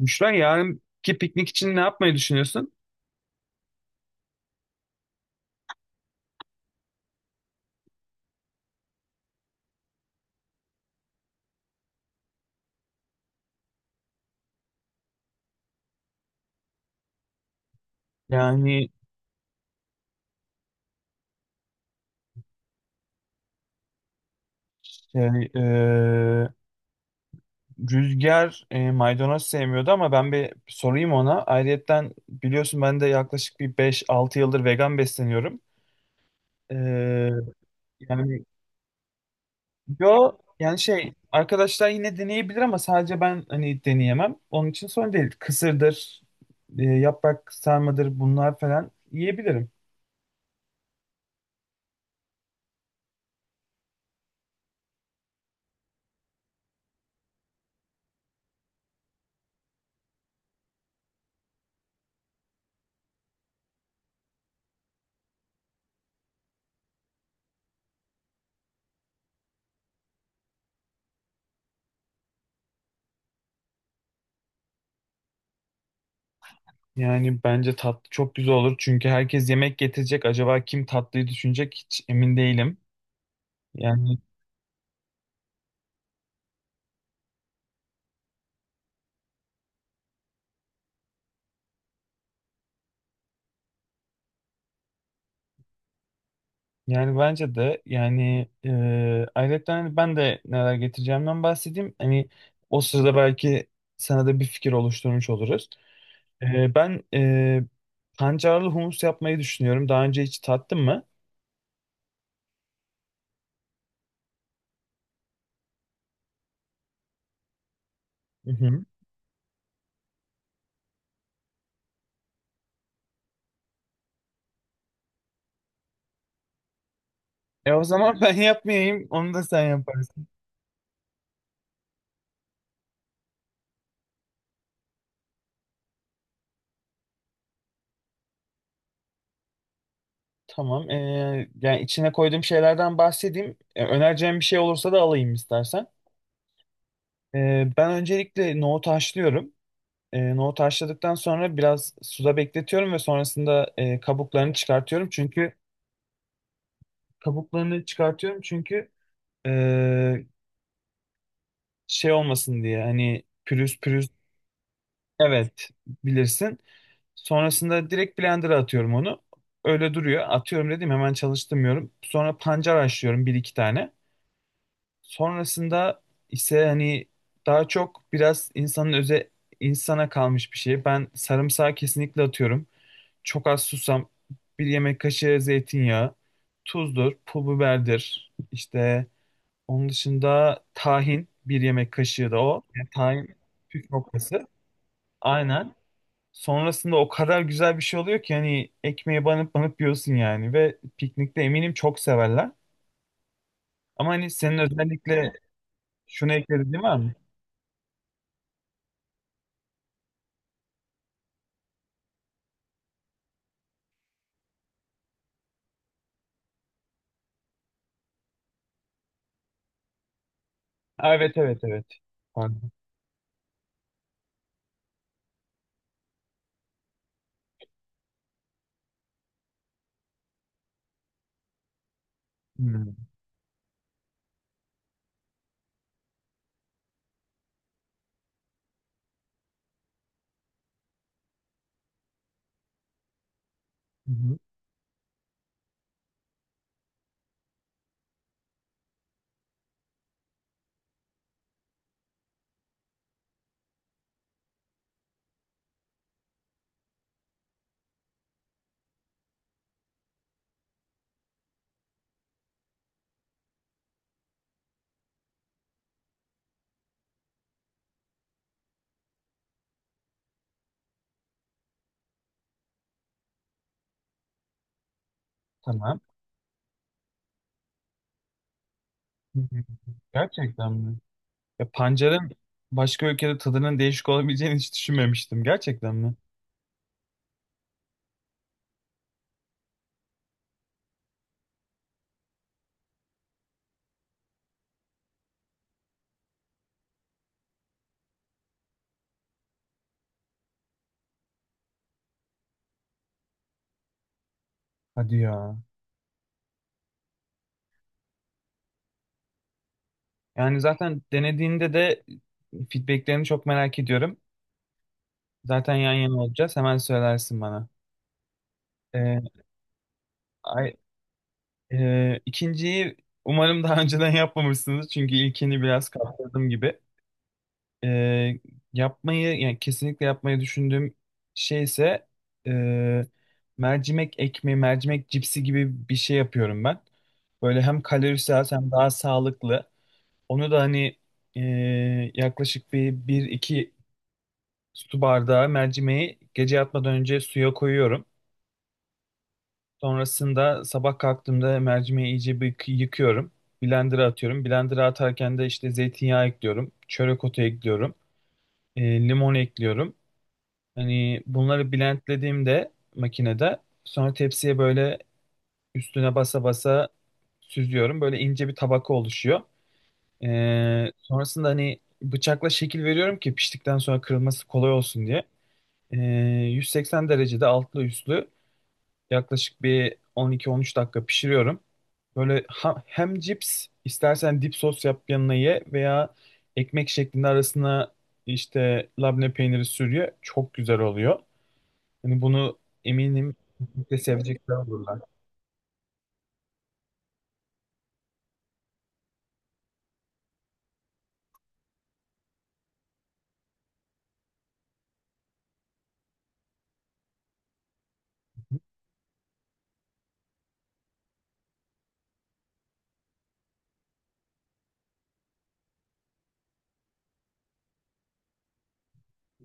Büşra yarınki piknik için ne yapmayı düşünüyorsun? Yani şey, Rüzgar maydanoz sevmiyordu ama ben bir sorayım ona. Ayrıyetten biliyorsun ben de yaklaşık bir 5-6 yıldır vegan besleniyorum. Eee, yani yo, yani şey arkadaşlar yine deneyebilir ama sadece ben hani deneyemem. Onun için sorun değil. Kısırdır, yaprak sarmadır bunlar falan yiyebilirim. Yani bence tatlı çok güzel olur. Çünkü herkes yemek getirecek. Acaba kim tatlıyı düşünecek hiç emin değilim. Yani yani, bence de yani ayrıca hani ben de neler getireceğimden bahsedeyim. Hani o sırada belki sana da bir fikir oluşturmuş oluruz. Ben pancarlı humus yapmayı düşünüyorum. Daha önce hiç tattın mı? Hı hı. O zaman ben yapmayayım. Onu da sen yaparsın. Tamam. Yani içine koyduğum şeylerden bahsedeyim. Önereceğim bir şey olursa da alayım istersen. Ben öncelikle nohutu haşlıyorum. Nohutu haşladıktan sonra biraz suda bekletiyorum ve sonrasında kabuklarını çıkartıyorum. Çünkü kabuklarını çıkartıyorum, çünkü e, şey olmasın diye, hani pürüz pürüz, evet, bilirsin. Sonrasında direkt blender'a atıyorum onu. Öyle duruyor. Atıyorum dedim, hemen çalıştırmıyorum. Sonra pancar haşlıyorum bir iki tane. Sonrasında ise hani daha çok biraz insanın öze insana kalmış bir şey. Ben sarımsağı kesinlikle atıyorum. Çok az susam, bir yemek kaşığı zeytinyağı, tuzdur, pul biberdir. İşte onun dışında tahin bir yemek kaşığı da o. Yani tahin püf noktası. Aynen. Sonrasında o kadar güzel bir şey oluyor ki hani ekmeğe banıp banıp yiyorsun yani, ve piknikte eminim çok severler. Ama hani senin özellikle şunu eklediğin var mı? Ha, evet, evet, evet. Pardon. Hmm. Hı hı. Tamam. Hı hı. Gerçekten mi? Ya pancarın başka ülkede tadının değişik olabileceğini hiç düşünmemiştim. Gerçekten mi? Hadi ya. Yani zaten denediğinde de feedbacklerini çok merak ediyorum. Zaten yan yana olacağız. Hemen söylersin bana. Ee, Ay, ikinciyi umarım daha önceden yapmamışsınız. Çünkü ilkini biraz kaptırdım gibi. e, Yapmayı yani kesinlikle yapmayı düşündüğüm şey ise e, mercimek ekmeği, mercimek cipsi gibi bir şey yapıyorum ben. Böyle hem kalorisi az hem daha sağlıklı. Onu da hani e, yaklaşık bir iki su bardağı mercimeği gece yatmadan önce suya koyuyorum. Sonrasında sabah kalktığımda mercimeği iyice bir yıkıyorum. Blender'a atıyorum. Blender'a atarken de işte zeytinyağı ekliyorum. Çörek otu ekliyorum. e, Limon ekliyorum. Hani bunları blendlediğimde makinede sonra tepsiye böyle üstüne basa basa süzüyorum. Böyle ince bir tabaka oluşuyor. Sonrasında hani bıçakla şekil veriyorum ki piştikten sonra kırılması kolay olsun diye. Ee, 180 derecede altlı üstlü yaklaşık bir 12-13 dakika pişiriyorum. Böyle hem cips istersen dip sos yap yanına ye, veya ekmek şeklinde arasına işte labne peyniri sürüyor. Çok güzel oluyor. Hani bunu eminim çok da sevecekler olurlar.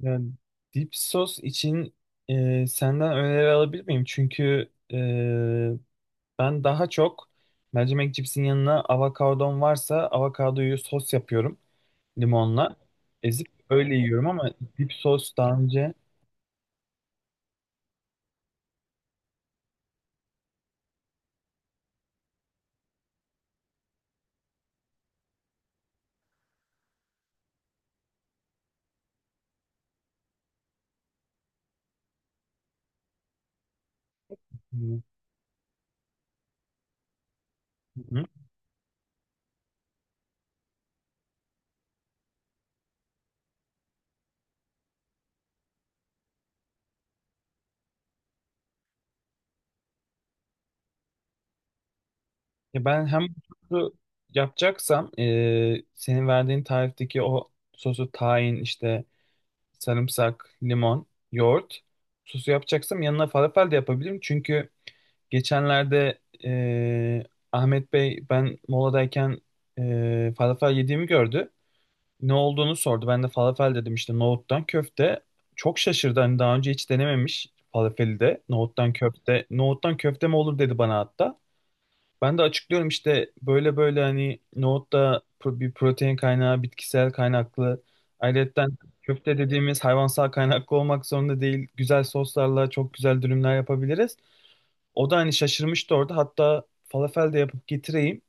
Yani dip sos için senden öneri alabilir miyim? Çünkü ben daha çok mercimek cipsin yanına avokadom varsa avokadoyu sos yapıyorum limonla. Ezip öyle yiyorum ama dip sos daha önce... Hı hı. Ya ben hem sosu yapacaksam senin verdiğin tarifteki o sosu, tahin işte, sarımsak, limon, yoğurt. Sosu yapacaksam yanına falafel de yapabilirim. Çünkü geçenlerde e, Ahmet Bey ben moladayken falafel yediğimi gördü. Ne olduğunu sordu. Ben de falafel dedim, işte nohuttan köfte. Çok şaşırdı. Hani daha önce hiç denememiş falafeli de. Nohuttan köfte. Nohuttan köfte mi olur dedi bana hatta. Ben de açıklıyorum işte, böyle böyle, hani nohutta bir protein kaynağı, bitkisel kaynaklı. Ayrıca köfte dediğimiz hayvansal kaynaklı olmak zorunda değil. Güzel soslarla çok güzel dürümler yapabiliriz. O da hani şaşırmıştı orada. Hatta falafel de yapıp getireyim.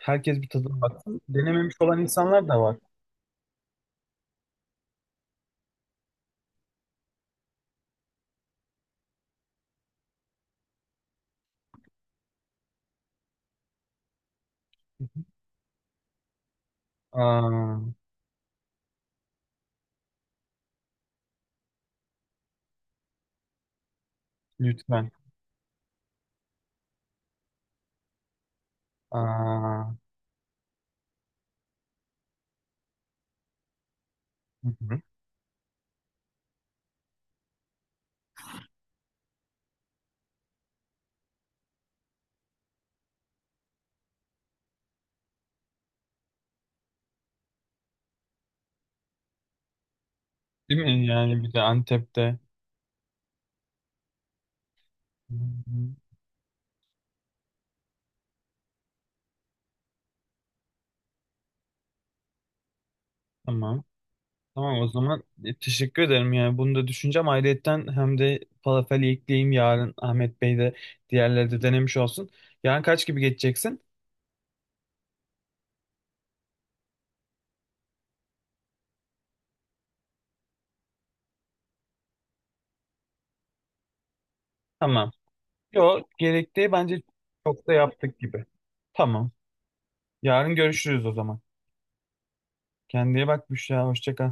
Herkes bir tadına baksın. Denememiş olan insanlar da var. Aa, lütfen. Aa, hı hı. Değil mi? Yani bir de Antep'te. Hı hı. Tamam. Tamam, o zaman teşekkür ederim yani bunu da düşüneceğim. Ayrıyetten hem de falafeli ekleyeyim, yarın Ahmet Bey de diğerleri de denemiş olsun. Yarın kaç gibi geçeceksin? Tamam. Yok, gerektiği bence çok da yaptık gibi. Tamam. Yarın görüşürüz o zaman. Kendine iyi bak Büşra. Hoşça kal.